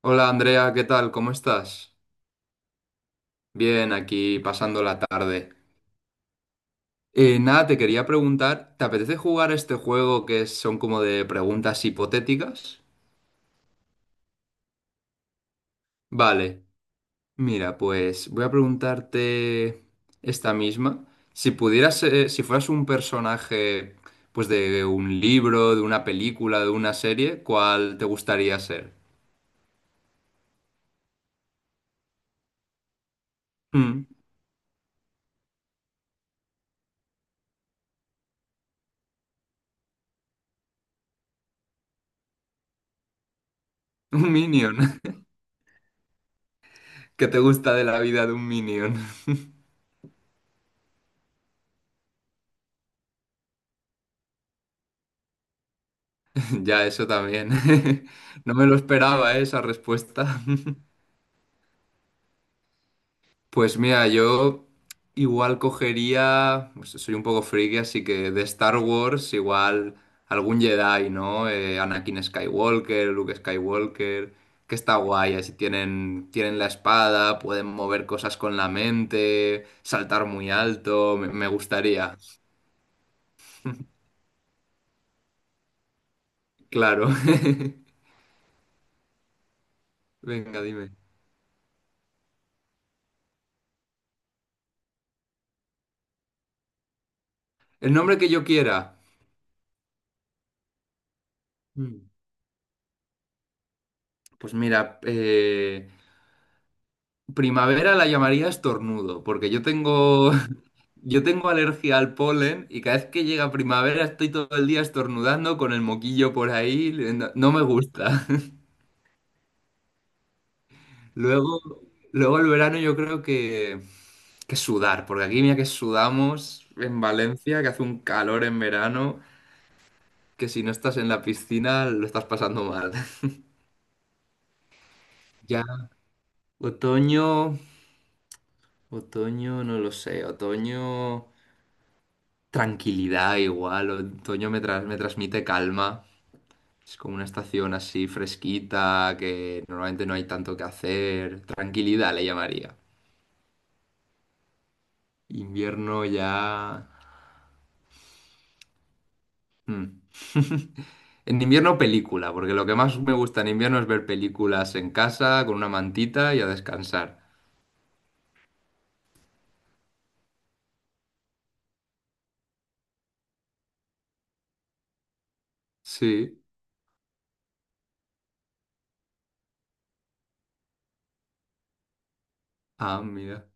Hola Andrea, ¿qué tal? ¿Cómo estás? Bien, aquí pasando la tarde. Nada, te quería preguntar, ¿te apetece jugar a este juego que son como de preguntas hipotéticas? Vale, mira, pues voy a preguntarte esta misma. Si pudieras, si fueras un personaje, pues de un libro, de una película, de una serie, ¿cuál te gustaría ser? Mm, un minion. ¿Qué te gusta de la vida de un minion? Ya, eso también. No me lo esperaba, ¿eh? Esa respuesta. Pues mira, yo igual cogería, pues soy un poco friki, así que de Star Wars igual algún Jedi, ¿no? Anakin Skywalker, Luke Skywalker, que está guay, así tienen, tienen la espada, pueden mover cosas con la mente, saltar muy alto, me gustaría, claro. Venga, dime. El nombre que yo quiera. Mm. Pues mira, Primavera la llamaría estornudo, porque yo tengo, yo tengo alergia al polen y cada vez que llega primavera estoy todo el día estornudando con el moquillo por ahí, no, no me gusta. Luego, luego el verano yo creo que sudar, porque aquí mira que sudamos en Valencia, que hace un calor en verano, que si no estás en la piscina lo estás pasando mal. Ya, otoño, otoño, no lo sé, otoño, tranquilidad igual. Otoño me transmite calma. Es como una estación así fresquita, que normalmente no hay tanto que hacer. Tranquilidad le llamaría. Invierno ya, mm. En invierno película, porque lo que más me gusta en invierno es ver películas en casa, con una mantita y a descansar. Sí. Ah, mira.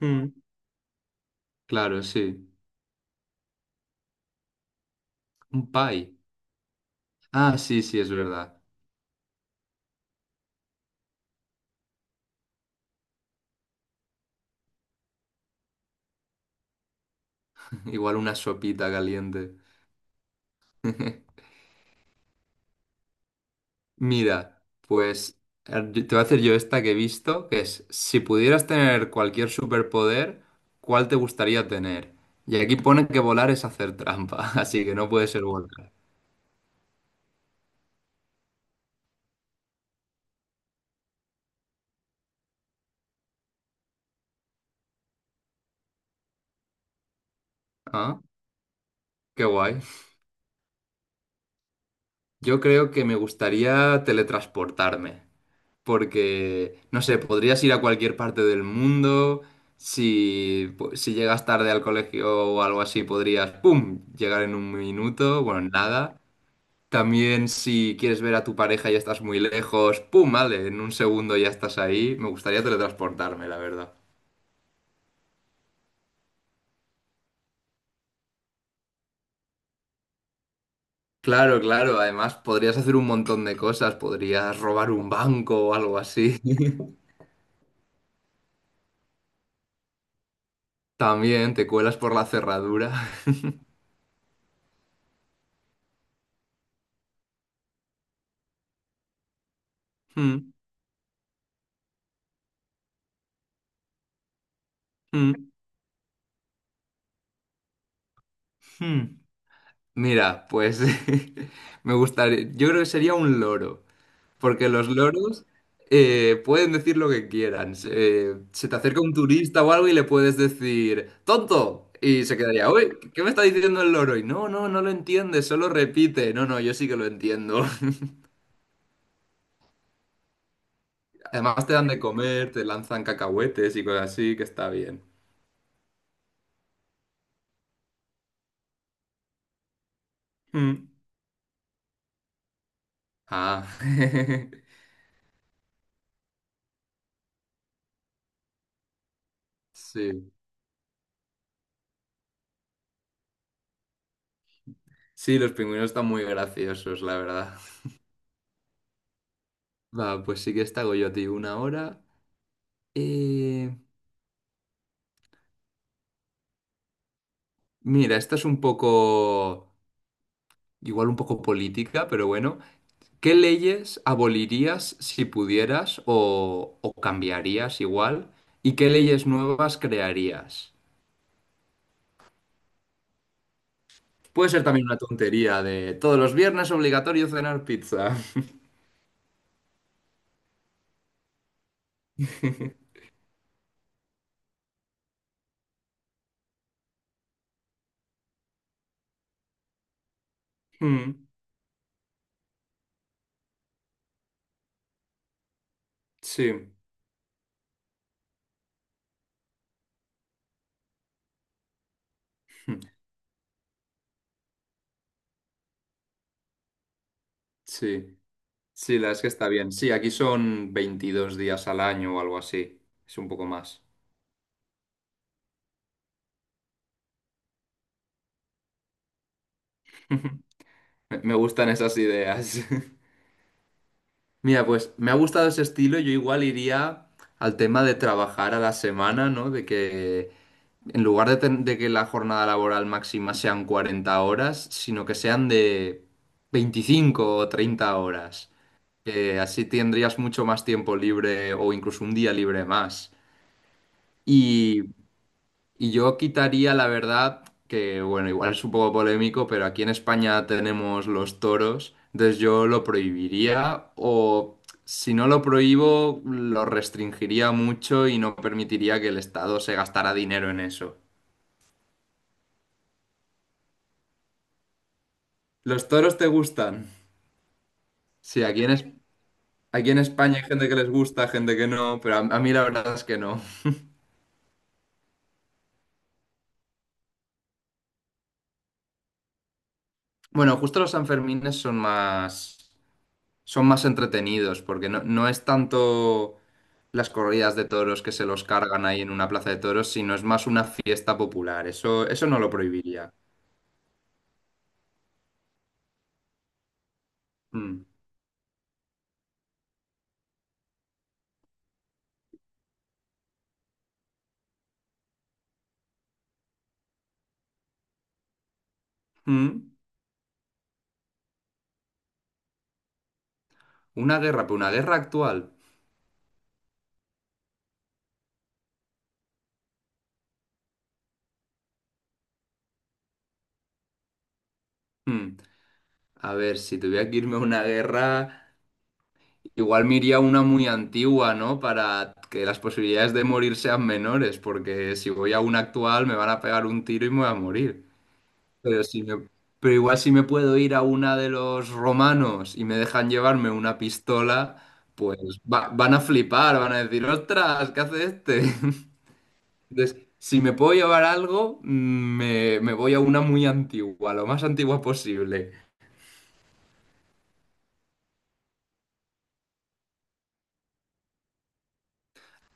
Mm, claro, sí. Un pie. Ah, sí, sí, es verdad. Igual una sopita caliente. Mira, pues te voy a hacer yo esta que he visto, que es, si pudieras tener cualquier superpoder, ¿cuál te gustaría tener? Y aquí pone que volar es hacer trampa, así que no puede ser volar. Ah, qué guay. Yo creo que me gustaría teletransportarme, porque, no sé, podrías ir a cualquier parte del mundo, si llegas tarde al colegio o algo así, podrías, ¡pum!, llegar en un minuto, bueno, en nada. También si quieres ver a tu pareja y estás muy lejos, ¡pum! Vale, en un segundo ya estás ahí. Me gustaría teletransportarme, la verdad. Claro, claro. Además, podrías hacer un montón de cosas. Podrías robar un banco o algo así. También te cuelas por la cerradura. Mm, mm, mm. Mira, pues me gustaría, yo creo que sería un loro. Porque los loros pueden decir lo que quieran. Se te acerca un turista o algo y le puedes decir, ¡tonto! Y se quedaría, uy, ¿qué me está diciendo el loro? Y no, no, no lo entiende, solo repite. No, no, yo sí que lo entiendo. Además te dan de comer, te lanzan cacahuetes y cosas así, que está bien. Mm. Ah, sí. Sí, los pingüinos están muy graciosos, la verdad. Va, pues sí que esta hago yo a ti una hora. Eh, mira, esta es un poco, igual un poco política, pero bueno, ¿qué leyes abolirías si pudieras o cambiarías igual? ¿Y qué leyes nuevas crearías? Puede ser también una tontería de todos los viernes obligatorio cenar pizza. Mm, sí, sí, sí, la es que está bien. Sí, aquí son 22 días al año o algo así. Es un poco más. Me me gustan esas ideas. Mira, pues me ha gustado ese estilo. Yo igual iría al tema de trabajar a la semana, ¿no? De que en lugar de que la jornada laboral máxima sean 40 horas, sino que sean de 25 o 30 horas. Que así tendrías mucho más tiempo libre o incluso un día libre más. Y yo quitaría, la verdad, que bueno, igual es un poco polémico, pero aquí en España tenemos los toros, entonces yo lo prohibiría o si no lo prohíbo, lo restringiría mucho y no permitiría que el Estado se gastara dinero en eso. ¿Los toros te gustan? Sí, aquí aquí en España hay gente que les gusta, gente que no, pero a mí la verdad es que no. Bueno, justo los Sanfermines son más, son más entretenidos, porque no, no es tanto las corridas de toros que se los cargan ahí en una plaza de toros, sino es más una fiesta popular. Eso no lo prohibiría. Mm. Mm. Una guerra, pero una guerra actual. Mm. A ver, si tuviera que irme a una guerra, igual me iría a una muy antigua, ¿no? Para que las posibilidades de morir sean menores, porque si voy a una actual me van a pegar un tiro y me voy a morir. Pero, si me- pero igual si me puedo ir a una de los romanos y me dejan llevarme una pistola, pues van a flipar, van a decir, ostras, ¿qué hace este? Entonces, si me puedo llevar algo, mm, me voy a una muy antigua, lo más antigua posible.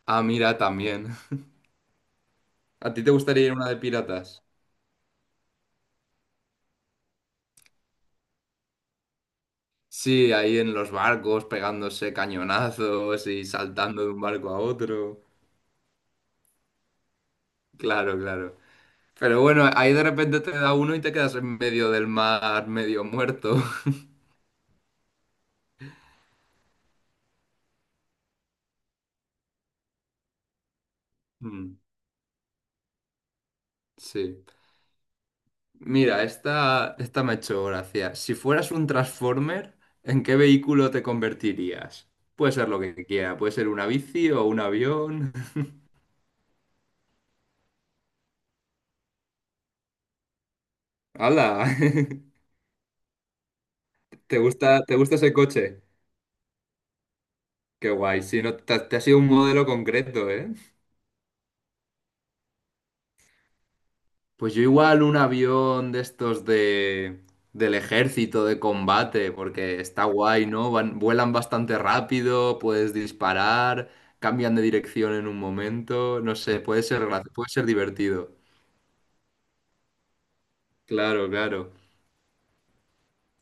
Ah, mira, también. ¿A ti te gustaría ir a una de piratas? Sí, ahí en los barcos, pegándose cañonazos y saltando de un barco a otro. Claro, claro. Pero bueno, ahí de repente te da uno y te quedas en medio del mar, medio muerto. Mm, sí. Mira, esta me ha hecho gracia. Si fueras un Transformer, ¿en qué vehículo te convertirías? Puede ser lo que quiera, puede ser una bici o un avión. ¡Hala! Te gusta ese coche? Qué guay. Si no, te ha sido un modelo concreto, ¿eh? Pues yo igual un avión de estos de del ejército de combate, porque está guay, ¿no? Vuelan bastante rápido, puedes disparar, cambian de dirección en un momento, no sé, puede ser puede ser divertido. Claro, claro.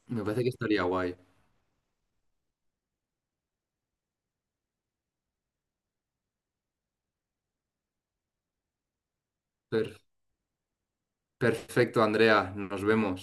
Me parece que estaría guay. Per- perfecto, Andrea, nos vemos.